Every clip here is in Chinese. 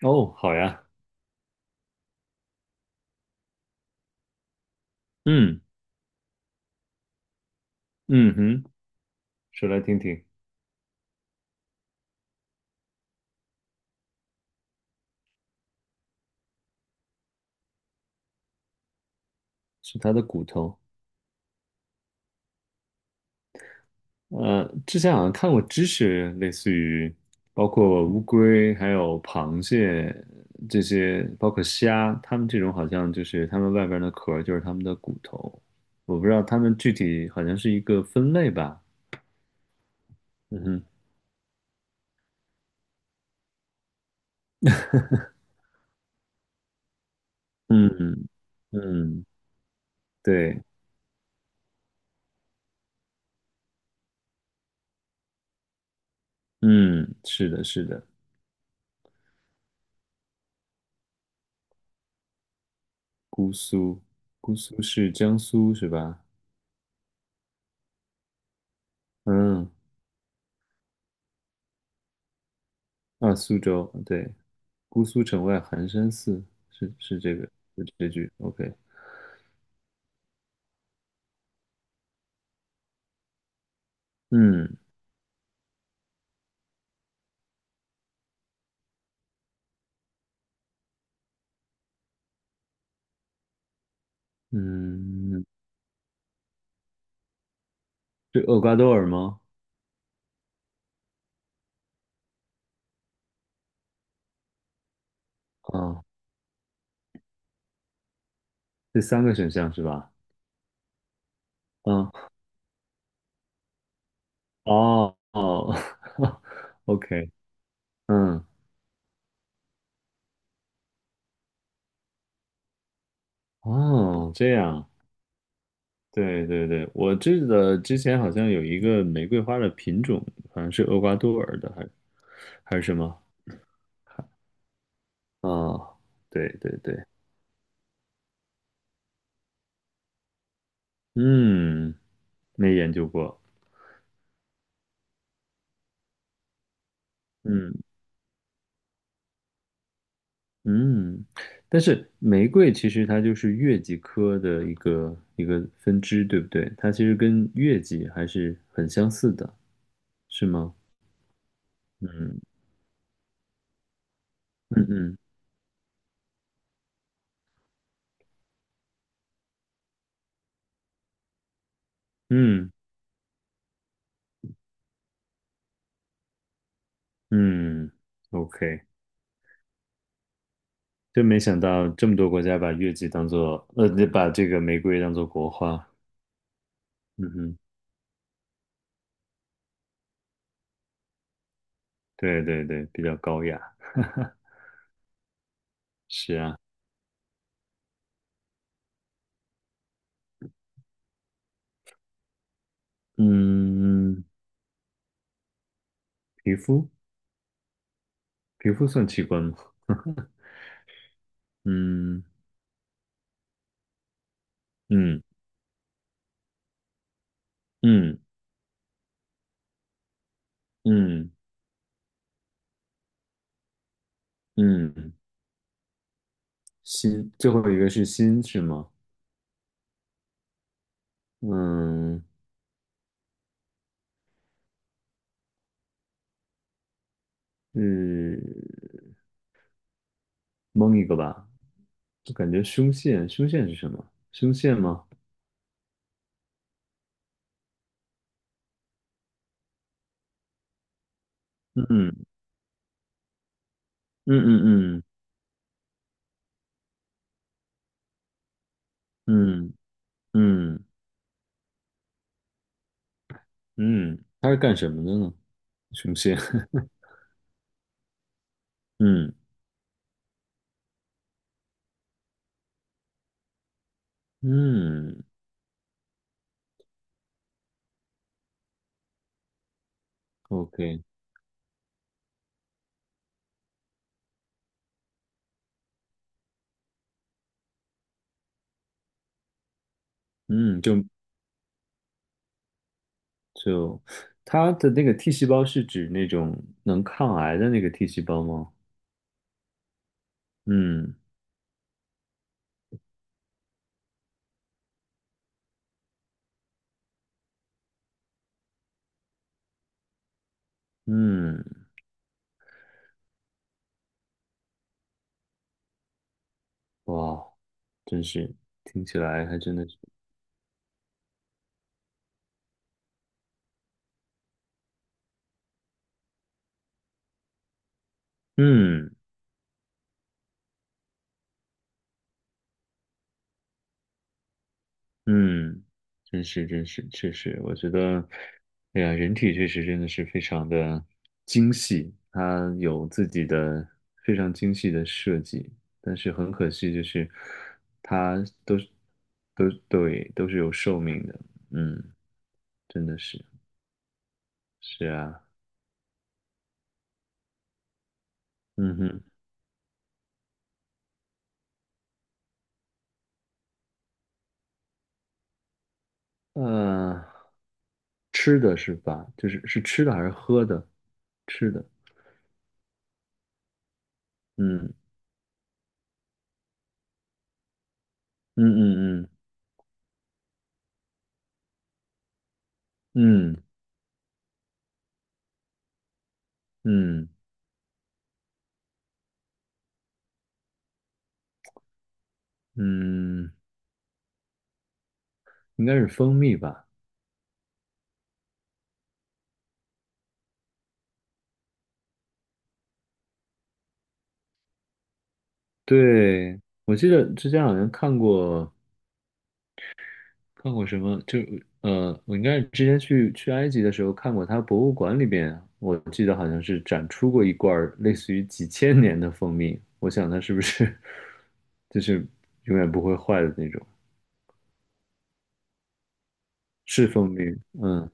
哦，好呀，嗯。嗯哼。说来听听。是它的骨头。之前好像看过知识，类似于包括乌龟、还有螃蟹这些，包括虾，它们这种好像就是它们外边的壳就是它们的骨头。我不知道它们具体好像是一个分类吧。嗯哼。嗯。嗯，对。嗯，是的，是的。姑苏，姑苏是江苏是吧？嗯。啊，苏州，对。姑苏城外寒山寺，是是这个，是这句，OK。嗯嗯。是厄瓜多尔吗？啊，这三个选项是吧？嗯。哦哦。 ，OK。嗯。哦，这样。对对对，我记得之前好像有一个玫瑰花的品种，好像是厄瓜多尔的，还是什么？啊，对对对。嗯，没研究过。嗯。嗯，但是玫瑰其实它就是月季科的一个分支，对不对？它其实跟月季还是很相似的，是吗？嗯。嗯，嗯嗯嗯，OK。真没想到这么多国家把这个玫瑰当做国花。嗯哼。对对对，比较高雅。是啊。嗯。皮肤。皮肤算器官吗？嗯。嗯。嗯嗯嗯。心，最后一个是心是吗？嗯，是蒙一个吧。就感觉胸腺，胸腺是什么？胸腺吗？嗯。嗯嗯嗯嗯嗯嗯，它是干什么的呢？胸腺。嗯嗯。OK。嗯，就它的那个 T 细胞是指那种能抗癌的那个 T 细胞吗？嗯。嗯，哇，真是听起来还真的是。嗯嗯。真是确实，我觉得，哎呀，人体确实真的是非常的精细，它有自己的非常精细的设计，但是很可惜，就是它都是都是有寿命的。嗯。真的是。是啊。嗯哼。呃，吃的是吧？就是是吃的还是喝的？吃的。嗯嗯嗯嗯嗯嗯嗯。应该是蜂蜜吧。对，我记得之前好像看过什么，就我应该是之前去埃及的时候看过它博物馆里边，我记得好像是展出过一罐儿类似于几千年的蜂蜜，我想它是不是， 就是永远不会坏的那种，是蜂蜜。嗯。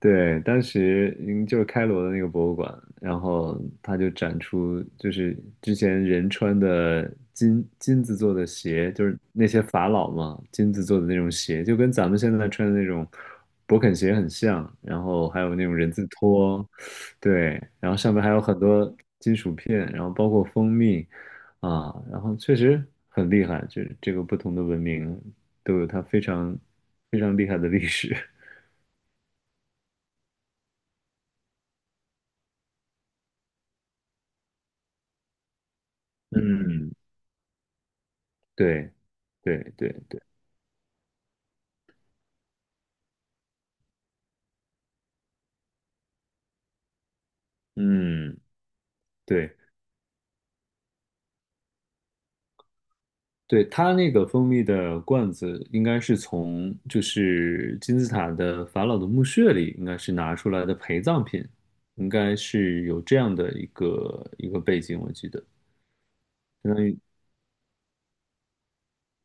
对，当时就是开罗的那个博物馆，然后它就展出就是之前人穿的金子做的鞋，就是那些法老嘛，金子做的那种鞋，就跟咱们现在穿的那种勃肯鞋很像，然后还有那种人字拖。对，然后上面还有很多金属片，然后包括蜂蜜啊，然后确实很厉害，就是这个不同的文明都有它非常非常厉害的历史。嗯，对。对对对。嗯。对对，它那个蜂蜜的罐子应该是从就是金字塔的法老的墓穴里应该是拿出来的陪葬品，应该是有这样的一个背景，我记得。相当于。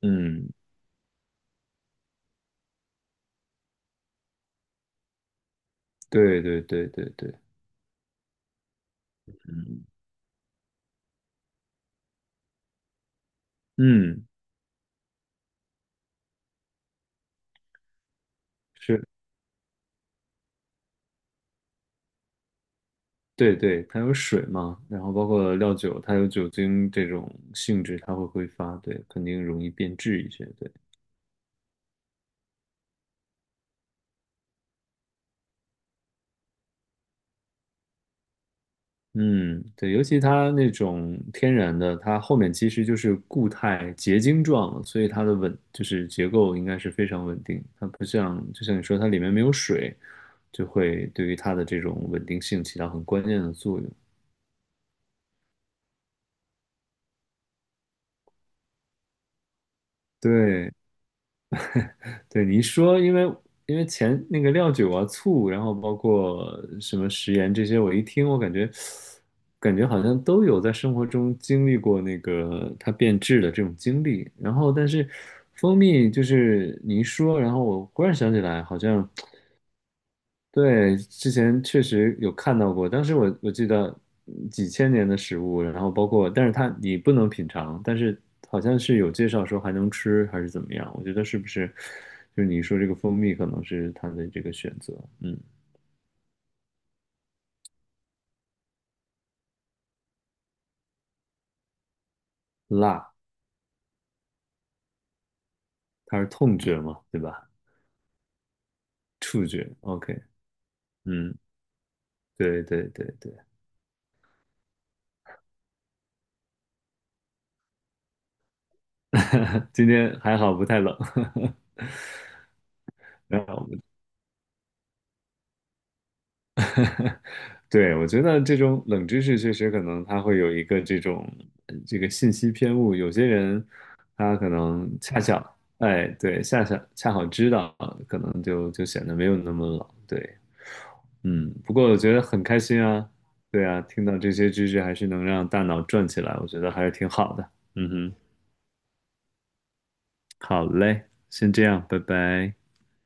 嗯。对对对对对。嗯。嗯，是。对对，它有水嘛，然后包括料酒，它有酒精这种性质，它会挥发，对，肯定容易变质一些。对。嗯。对，尤其它那种天然的，它后面其实就是固态结晶状，所以它的稳就是结构应该是非常稳定。它不像就像你说，它里面没有水，就会对于它的这种稳定性起到很关键的作用。对，对你一说，因为前那个料酒啊、醋，然后包括什么食盐这些，我一听，我感觉好像都有在生活中经历过那个它变质的这种经历。然后，但是蜂蜜就是你一说，然后我忽然想起来，好像对，之前确实有看到过，当时我记得几千年的食物，然后包括，但是它你不能品尝，但是好像是有介绍说还能吃还是怎么样，我觉得是不是就是你说这个蜂蜜可能是它的这个选择。嗯。辣。它是痛觉嘛，对吧？触觉，OK。嗯。对对对对。今天还好不太冷。然后对，我觉得这种冷知识确实可能它会有一个这种这个信息偏误，有些人他可能恰巧，哎，对，恰巧恰好知道，可能就显得没有那么冷。对。嗯，不过我觉得很开心啊。对啊，听到这些知识还是能让大脑转起来，我觉得还是挺好的。嗯哼。好嘞，先这样，拜拜。